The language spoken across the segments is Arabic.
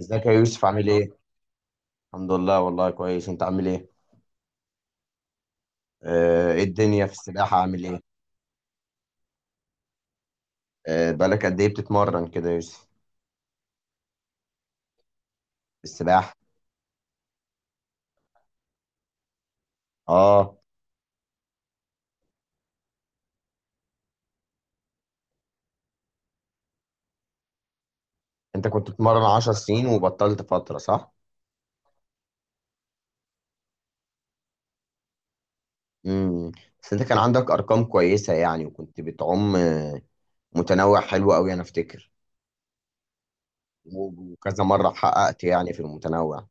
ازيك يا يوسف، عامل ايه؟ الحمد لله والله كويس، انت عامل ايه؟ ايه الدنيا في السباحة، عامل ايه؟ بقالك قد ايه بتتمرن كده يا يوسف؟ في السباحة؟ اه، انت كنت بتتمرن 10 سنين وبطلت فترة صح؟ امم بس انت كان عندك ارقام كويسة يعني، وكنت بتعوم متنوع حلو قوي انا افتكر. وكذا مرة حققت يعني في المتنوع.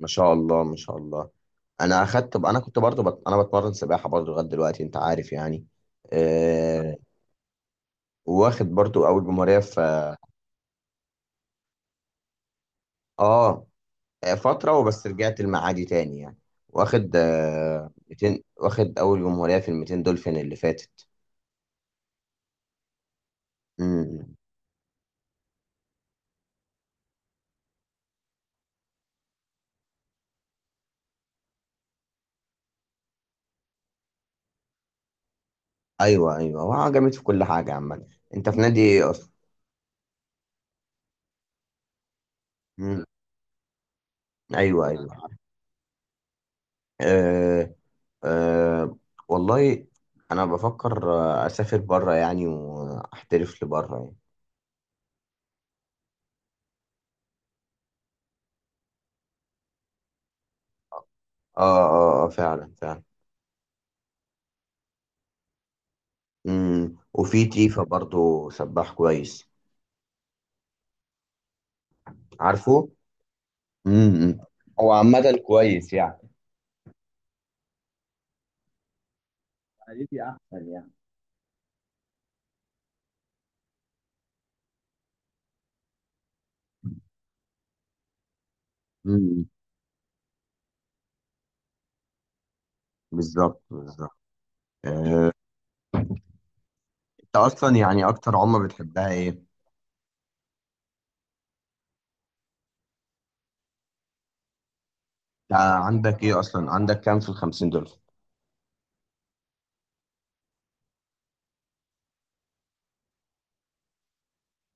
ما شاء الله، ما شاء الله. انا اخدت، انا كنت برضو انا بتمرن سباحة برضو لغاية دلوقتي، انت عارف يعني. آه، واخد برضو اول جمهوريه في، اه، فتره وبس رجعت المعادي تاني يعني. واخد 200، واخد اول جمهوريه في ال 200 دولفين اللي فاتت. امم ايوه ايوه، هو جامد في كل حاجه عامه. انت في نادي ايه اصلا؟ امم ايوه ايوه. آه آه، والله انا بفكر اسافر بره يعني واحترف لبره يعني. اه اه اه، فعلا فعلا. وفي تيفا برضو سباح كويس، عارفه. امم هو عامة كويس يعني. حالتي احسن يعني. امم بالظبط بالظبط. آه، انت اصلا يعني اكتر عمله بتحبها ايه؟ انت عندك ايه اصلا؟ عندك كام في الخمسين دول؟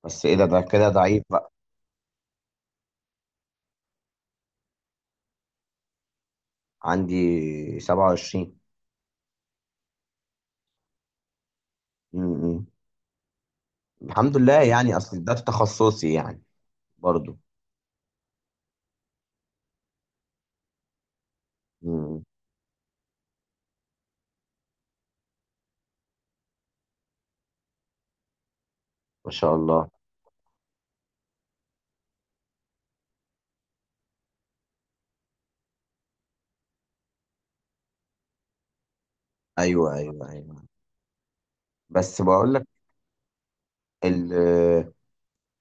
بس ايه ده، ده كده ضعيف بقى. عندي 27. امم الحمد لله يعني، اصل ده في تخصصي يعني برضو. امم ما شاء الله. ايوه ايوه ايوه، بس بقول لك، ال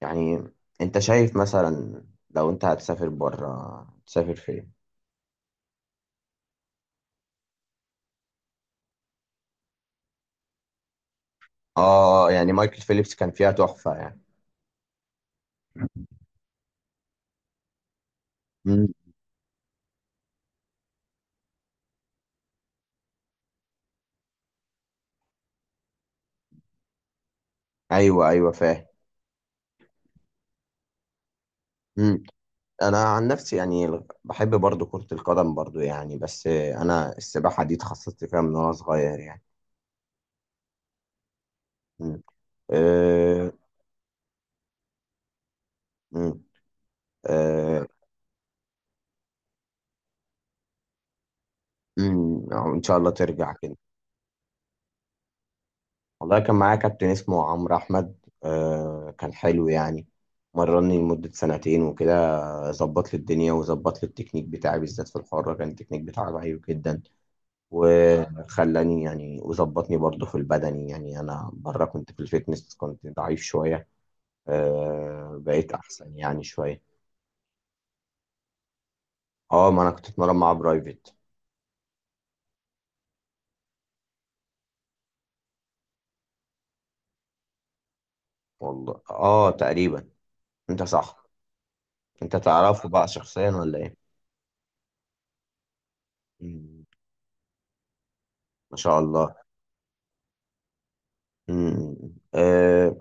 يعني، انت شايف مثلا لو انت هتسافر بره تسافر فين؟ اه يعني مايكل فيليبس كان فيها تحفة يعني. مم. ايوه ايوه فاهم. مم. انا عن نفسي يعني بحب برضو كرة القدم برضو يعني، بس انا السباحة دي اتخصصت فيها من وانا صغير يعني. مم. آه، مم. آه، ان شاء الله ترجع كده. والله كان معايا كابتن اسمه عمرو احمد، كان حلو يعني. مرني لمدة سنتين وكده. ظبط لي الدنيا وظبط لي التكنيك بتاعي، بالذات في الحرة كان التكنيك بتاعي ضعيف جدا. وخلاني يعني وظبطني برضه في البدني يعني، انا بره كنت في الفيتنس كنت ضعيف شويه. بقيت احسن يعني شويه. اه، ما انا كنت اتمرن مع برايفت. والله اه تقريبا، انت صح. انت تعرفه بقى شخصيا ولا ايه؟ مم. ما شاء الله. مم. آه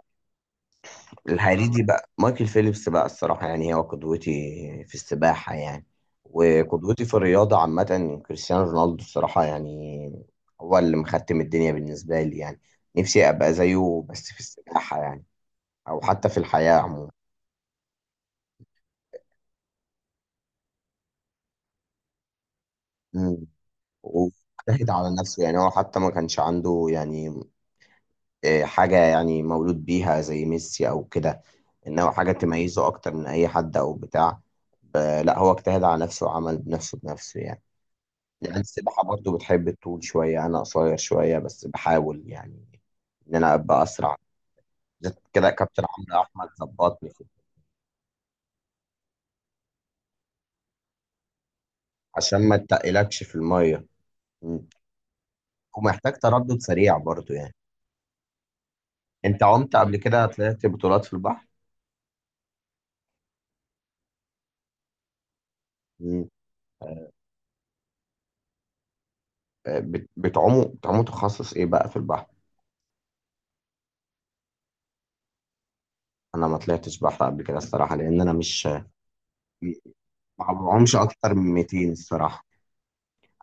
الحقيقي بقى مايكل فيليبس بقى الصراحة يعني، هو قدوتي في السباحة يعني، وقدوتي في الرياضة عامة كريستيانو رونالدو الصراحة يعني. هو اللي مختم الدنيا بالنسبة لي يعني. نفسي أبقى زيه بس في السباحة يعني، أو حتى في الحياة عموما. مم. واجتهد على نفسه يعني، هو حتى ما كانش عنده يعني حاجة يعني، مولود بيها زي ميسي أو كده، إنه حاجة تميزه أكتر من أي حد أو بتاع. ب- لا، هو اجتهد على نفسه وعمل بنفسه بنفسه يعني. يعني السباحة برضو بتحب الطول شوية، أنا قصير شوية بس بحاول يعني إن أنا أبقى أسرع. بالذات كده كابتن عمرو أحمد ظبطني في عشان ما تتقلكش في المية. مم. ومحتاج تردد سريع برضو يعني. أنت عمت قبل كده طلعت بطولات في البحر؟ مم. بتعوموا بتعوموا تخصص إيه بقى في البحر؟ أنا ما طلعتش بحر قبل كده الصراحة، لأن أنا مش، ما بعومش أكتر من 200 الصراحة.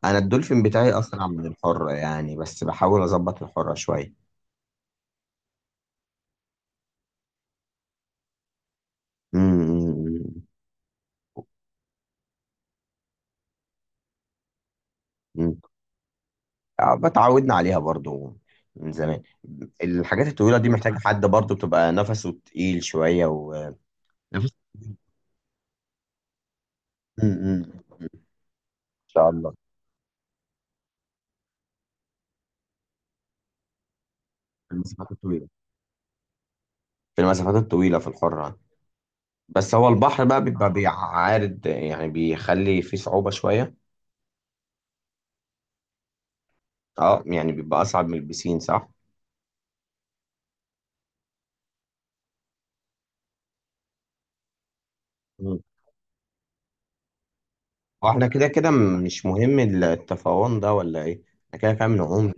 أنا الدولفين بتاعي أسرع من الحرة يعني، بس بحاول أظبط الحرة شوية. مم. مم. اتعودنا عليها برضو من زمان. الحاجات الطويلة دي محتاجة حد برضو بتبقى نفسه تقيل شوية و، نفس، مم، مم، مم. إن شاء الله. في المسافات الطويلة، في المسافات الطويلة في الحرة. بس هو البحر بقى بيبقى بيعارض يعني بيخلي فيه صعوبة شوية. اه يعني بيبقى أصعب من البسين صح؟ مم. هو احنا كده كده مش مهم التفاون ده ولا ايه؟ احنا كده كده بنعوم.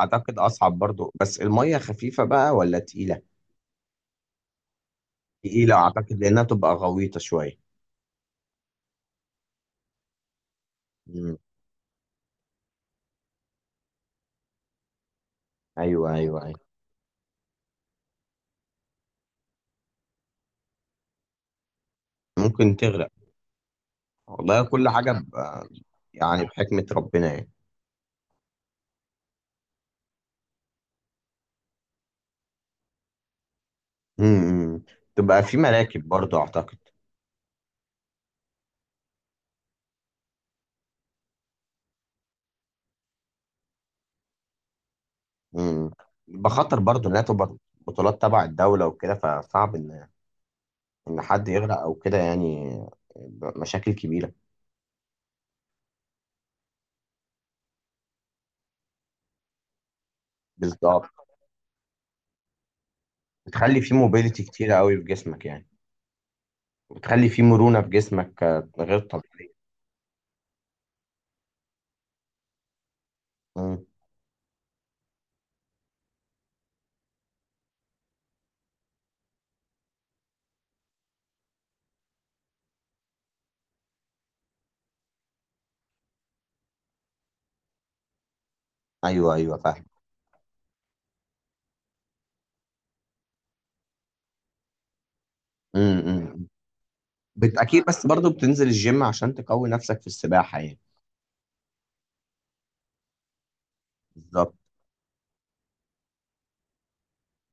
أعتقد أصعب برضو، بس المية خفيفة بقى ولا تقيلة؟ تقيلة أعتقد، لأنها تبقى غويطة شوية. مم. أيوه أيوه أيوه. ممكن تغرق. والله كل حاجة يعني بحكمة ربنا يعني. مم. تبقى في مراكب برضو أعتقد. مم. بخطر برضو إنها تبقى بطولات تبع الدولة وكده، فصعب إن، إن حد يغرق أو كده يعني. مشاكل كبيرة. بالظبط، بتخلي في موبيليتي كتيرة قوي في جسمك يعني، وبتخلي في مرونة في جسمك غير طبيعية. مم. أيوه أيوه فاهم. اكيد، بس برضو بتنزل الجيم عشان تقوي نفسك في السباحة يعني. بالظبط.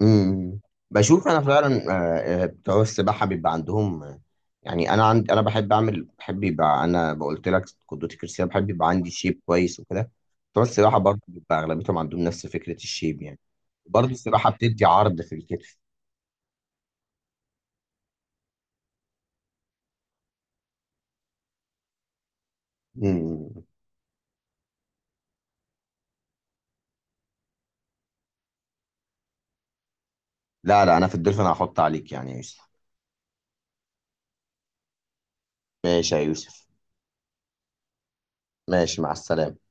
امم بشوف انا فعلا بتوع السباحة بيبقى عندهم يعني انا عندي، انا بحب اعمل، بحب يبقى، انا قلت لك قدوتي كريستيانو، بحب يبقى عندي شيب كويس وكده. بتوع السباحة برضو بيبقى اغلبيتهم عندهم نفس فكرة الشيب يعني. برضو السباحة بتدي عرض في الكتف. امم لا لا، انا في الدلفين هحط عليك يعني يا يوسف. ماشي يا يوسف. ماشي، مع السلامة.